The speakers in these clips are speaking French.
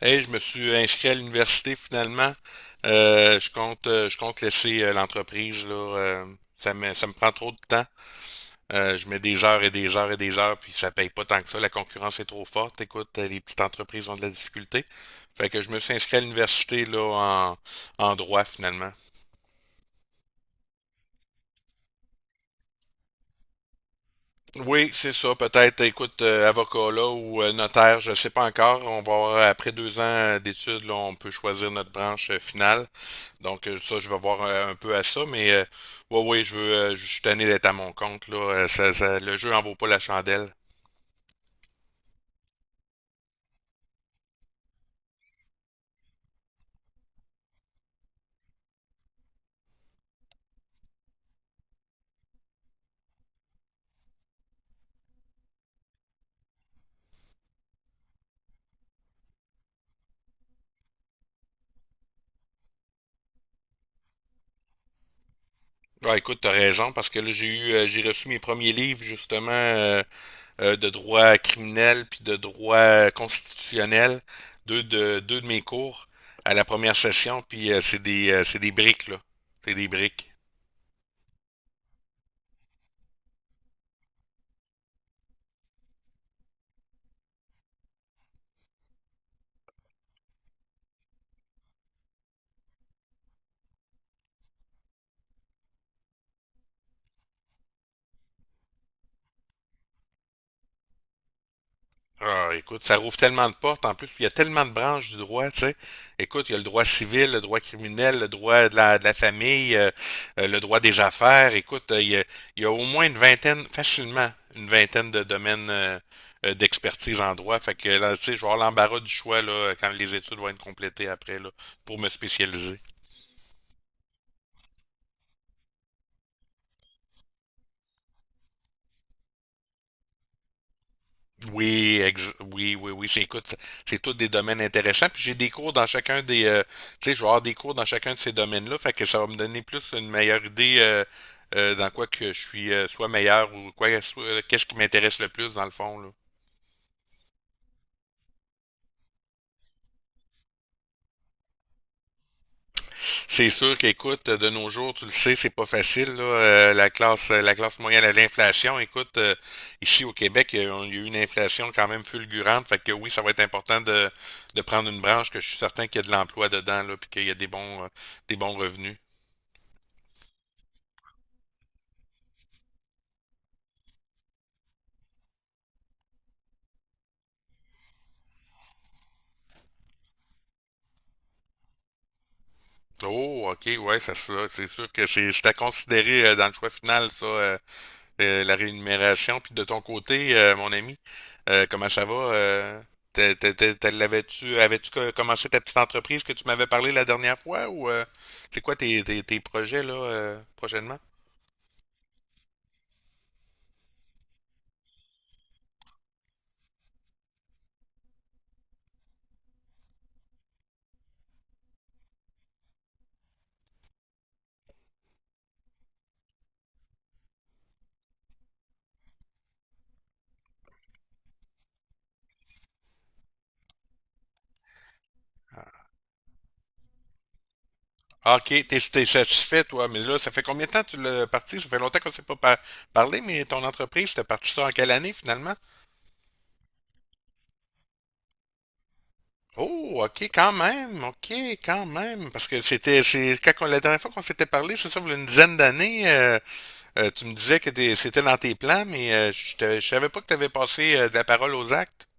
Hey, je me suis inscrit à l'université finalement. Je compte, je compte laisser l'entreprise là. Ça me prend trop de temps. Je mets des heures et des heures et des heures, puis ça paye pas tant que ça. La concurrence est trop forte. Écoute, les petites entreprises ont de la difficulté. Fait que je me suis inscrit à l'université là en droit finalement. Oui, c'est ça. Peut-être, écoute, avocat là ou notaire, je ne sais pas encore. On va avoir, après deux ans d'études, là, on peut choisir notre branche finale. Donc, ça, je vais voir un peu à ça. Mais ouais, oui, je veux, je suis tanné d'être à mon compte, là. Ça, le jeu en vaut pas la chandelle. Ouais, écoute, t'as raison, parce que là, j'ai eu, j'ai reçu mes premiers livres, justement, de droit criminel puis de droit constitutionnel, deux de mes cours à la première session, puis c'est c'est des briques, là. C'est des briques. Ah, écoute, ça rouvre tellement de portes. En plus, il y a tellement de branches du droit, tu sais. Écoute, il y a le droit civil, le droit criminel, le droit de la famille, le droit des affaires. Écoute, il y a au moins une vingtaine, facilement, une vingtaine de domaines d'expertise en droit. Fait que là, tu sais, je vais avoir l'embarras du choix là, quand les études vont être complétées après là, pour me spécialiser. Oui, oui, oui, oui. C'est, écoute, c'est tous des domaines intéressants. Puis j'ai des cours dans chacun tu sais, je vais avoir des cours dans chacun de ces domaines-là. Fait que ça va me donner plus une meilleure idée dans quoi que je suis soit meilleur ou quoi, qu'est-ce qui m'intéresse le plus dans le fond, là. C'est sûr qu'écoute, de nos jours, tu le sais, c'est pas facile, là, la classe moyenne à l'inflation. Écoute, ici au Québec, il y a eu une inflation quand même fulgurante. Fait que oui, ça va être important de prendre une branche que je suis certain qu'il y a de l'emploi dedans, là, puis qu'il y a des des bons revenus. Oh, ok, ouais, ça, c'est sûr que c'est à considérer dans le choix final, ça, la rémunération. Puis de ton côté, mon ami, comment ça va? L'avais-tu, avais-tu commencé ta petite entreprise que tu m'avais parlé la dernière fois ou c'est quoi tes projets là prochainement? Ah, ok, t'es satisfait toi, mais là, ça fait combien de temps que tu l'as parti? Ça fait longtemps qu'on ne s'est pas parlé, mais ton entreprise, t'as parti ça en quelle année finalement? Oh, ok, quand même, parce que c'est quand la dernière fois qu'on s'était parlé, c'est ça, il y a une dizaine d'années, tu me disais que c'était dans tes plans, mais je ne savais pas que tu avais passé de la parole aux actes.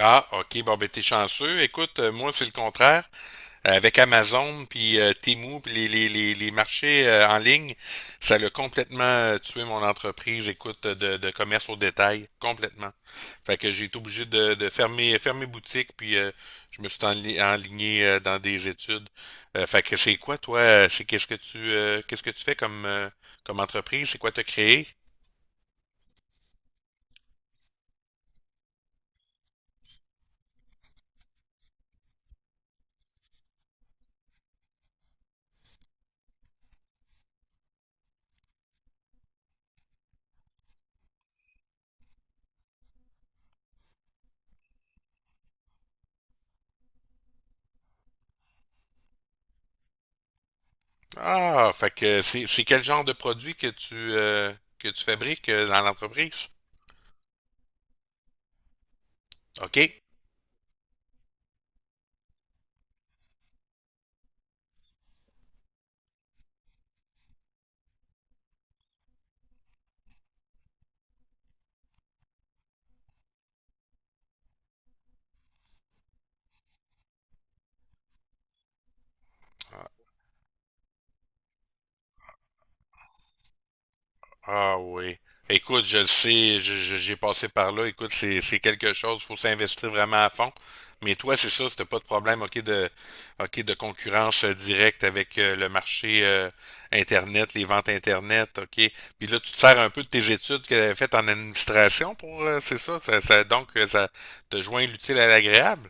Ah, OK. Bon, ben, t'es chanceux. Écoute, moi, c'est le contraire. Avec Amazon, puis Temu, puis les marchés en ligne, ça l'a complètement tué mon entreprise, écoute, de commerce au détail, complètement. Fait que j'ai été obligé de fermer, fermer boutique, puis je me suis enligné dans des études. Fait que c'est quoi, toi? C'est qu'est-ce que tu fais comme, comme entreprise? C'est quoi t'as créé? Ah, fait que c'est quel genre de produit que tu fabriques dans l'entreprise? OK. Ah, ah oui. Écoute, je le sais, j'ai passé par là. Écoute, c'est quelque chose, faut s'investir vraiment à fond. Mais toi, c'est ça, c'était pas de problème, OK, de concurrence directe avec le marché Internet, les ventes Internet, OK. Puis là, tu te sers un peu de tes études que tu faites en administration pour c'est ça, donc ça te joint l'utile à l'agréable.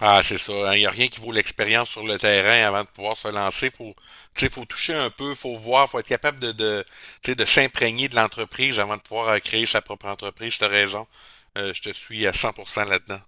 Ah, c'est ça. Hein. Il n'y a rien qui vaut l'expérience sur le terrain avant de pouvoir se lancer. Faut, tu sais, faut toucher un peu, faut voir, faut être capable tu sais, de s'imprégner de l'entreprise avant de pouvoir créer sa propre entreprise. T'as raison. Je te suis à cent pour cent là-dedans.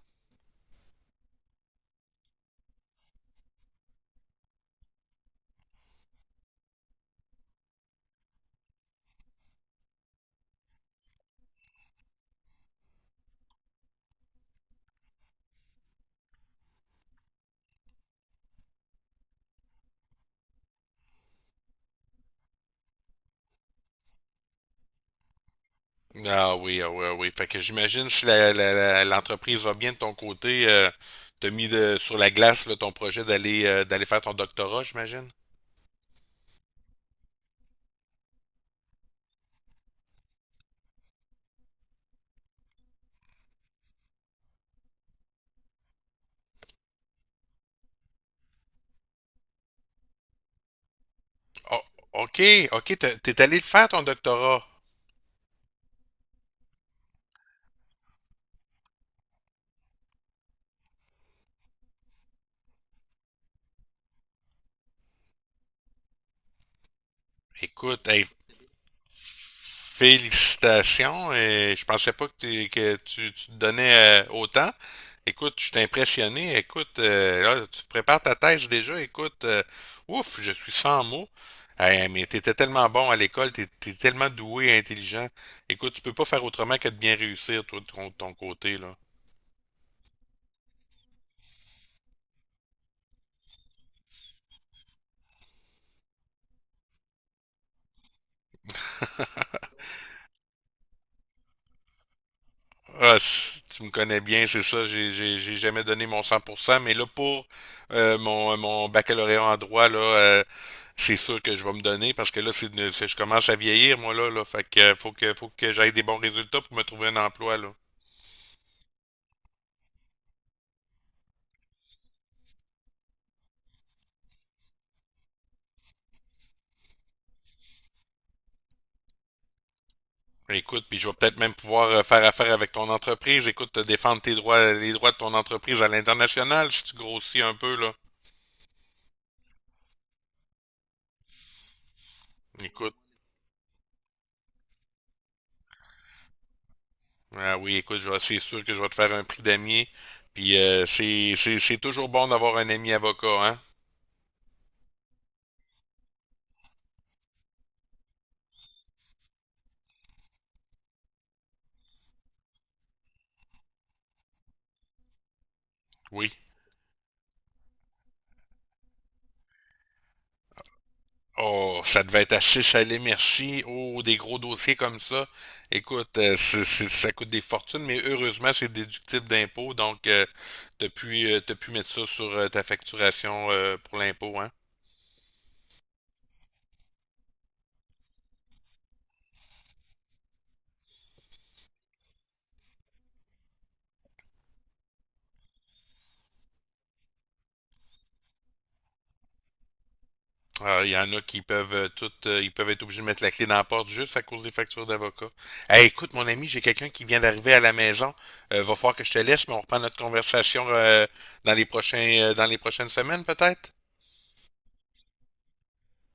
Ah oui, ah oui, ah oui. Fait que j'imagine si l'entreprise va bien de ton côté, t'as mis sur la glace là, ton projet d'aller d'aller faire ton doctorat, j'imagine. Oh, ok, ok, t'es allé le faire ton doctorat. Écoute, hey, félicitations et je pensais pas que, que tu te donnais autant. Écoute, je suis impressionné. Écoute, là, tu prépares ta thèse déjà. Écoute, ouf, je suis sans mots. Eh, mais t'étais tellement bon à l'école, t'es tellement doué et intelligent. Écoute, tu peux pas faire autrement que de bien réussir, toi, de ton côté, là. Ah, tu me connais bien, c'est ça. J'ai jamais donné mon 100%, mais là, pour mon baccalauréat en droit, là, c'est sûr que je vais me donner parce que là, c'est, je commence à vieillir, moi, là, là. Fait que faut que j'aille des bons résultats pour me trouver un emploi, là. Écoute, puis je vais peut-être même pouvoir faire affaire avec ton entreprise. Écoute, te défendre tes droits, les droits de ton entreprise à l'international si tu grossis un peu, là. Écoute, ah oui, écoute, c'est sûr que je vais te faire un prix d'ami. Puis c'est toujours bon d'avoir un ami avocat, hein? Oui. Oh, ça devait être à 6 à merci. Oh, des gros dossiers comme ça. Écoute, ça coûte des fortunes, mais heureusement, c'est déductible d'impôt. Donc, t'as pu mettre ça sur ta facturation pour l'impôt, hein? Ah, il y en a qui peuvent toutes, ils peuvent être obligés de mettre la clé dans la porte juste à cause des factures d'avocat. Hey, écoute, mon ami, j'ai quelqu'un qui vient d'arriver à la maison. Va falloir que je te laisse, mais on reprend notre conversation dans les prochaines semaines, peut-être?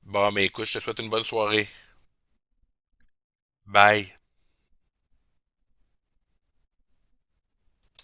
Bon, mais écoute, je te souhaite une bonne soirée. Bye.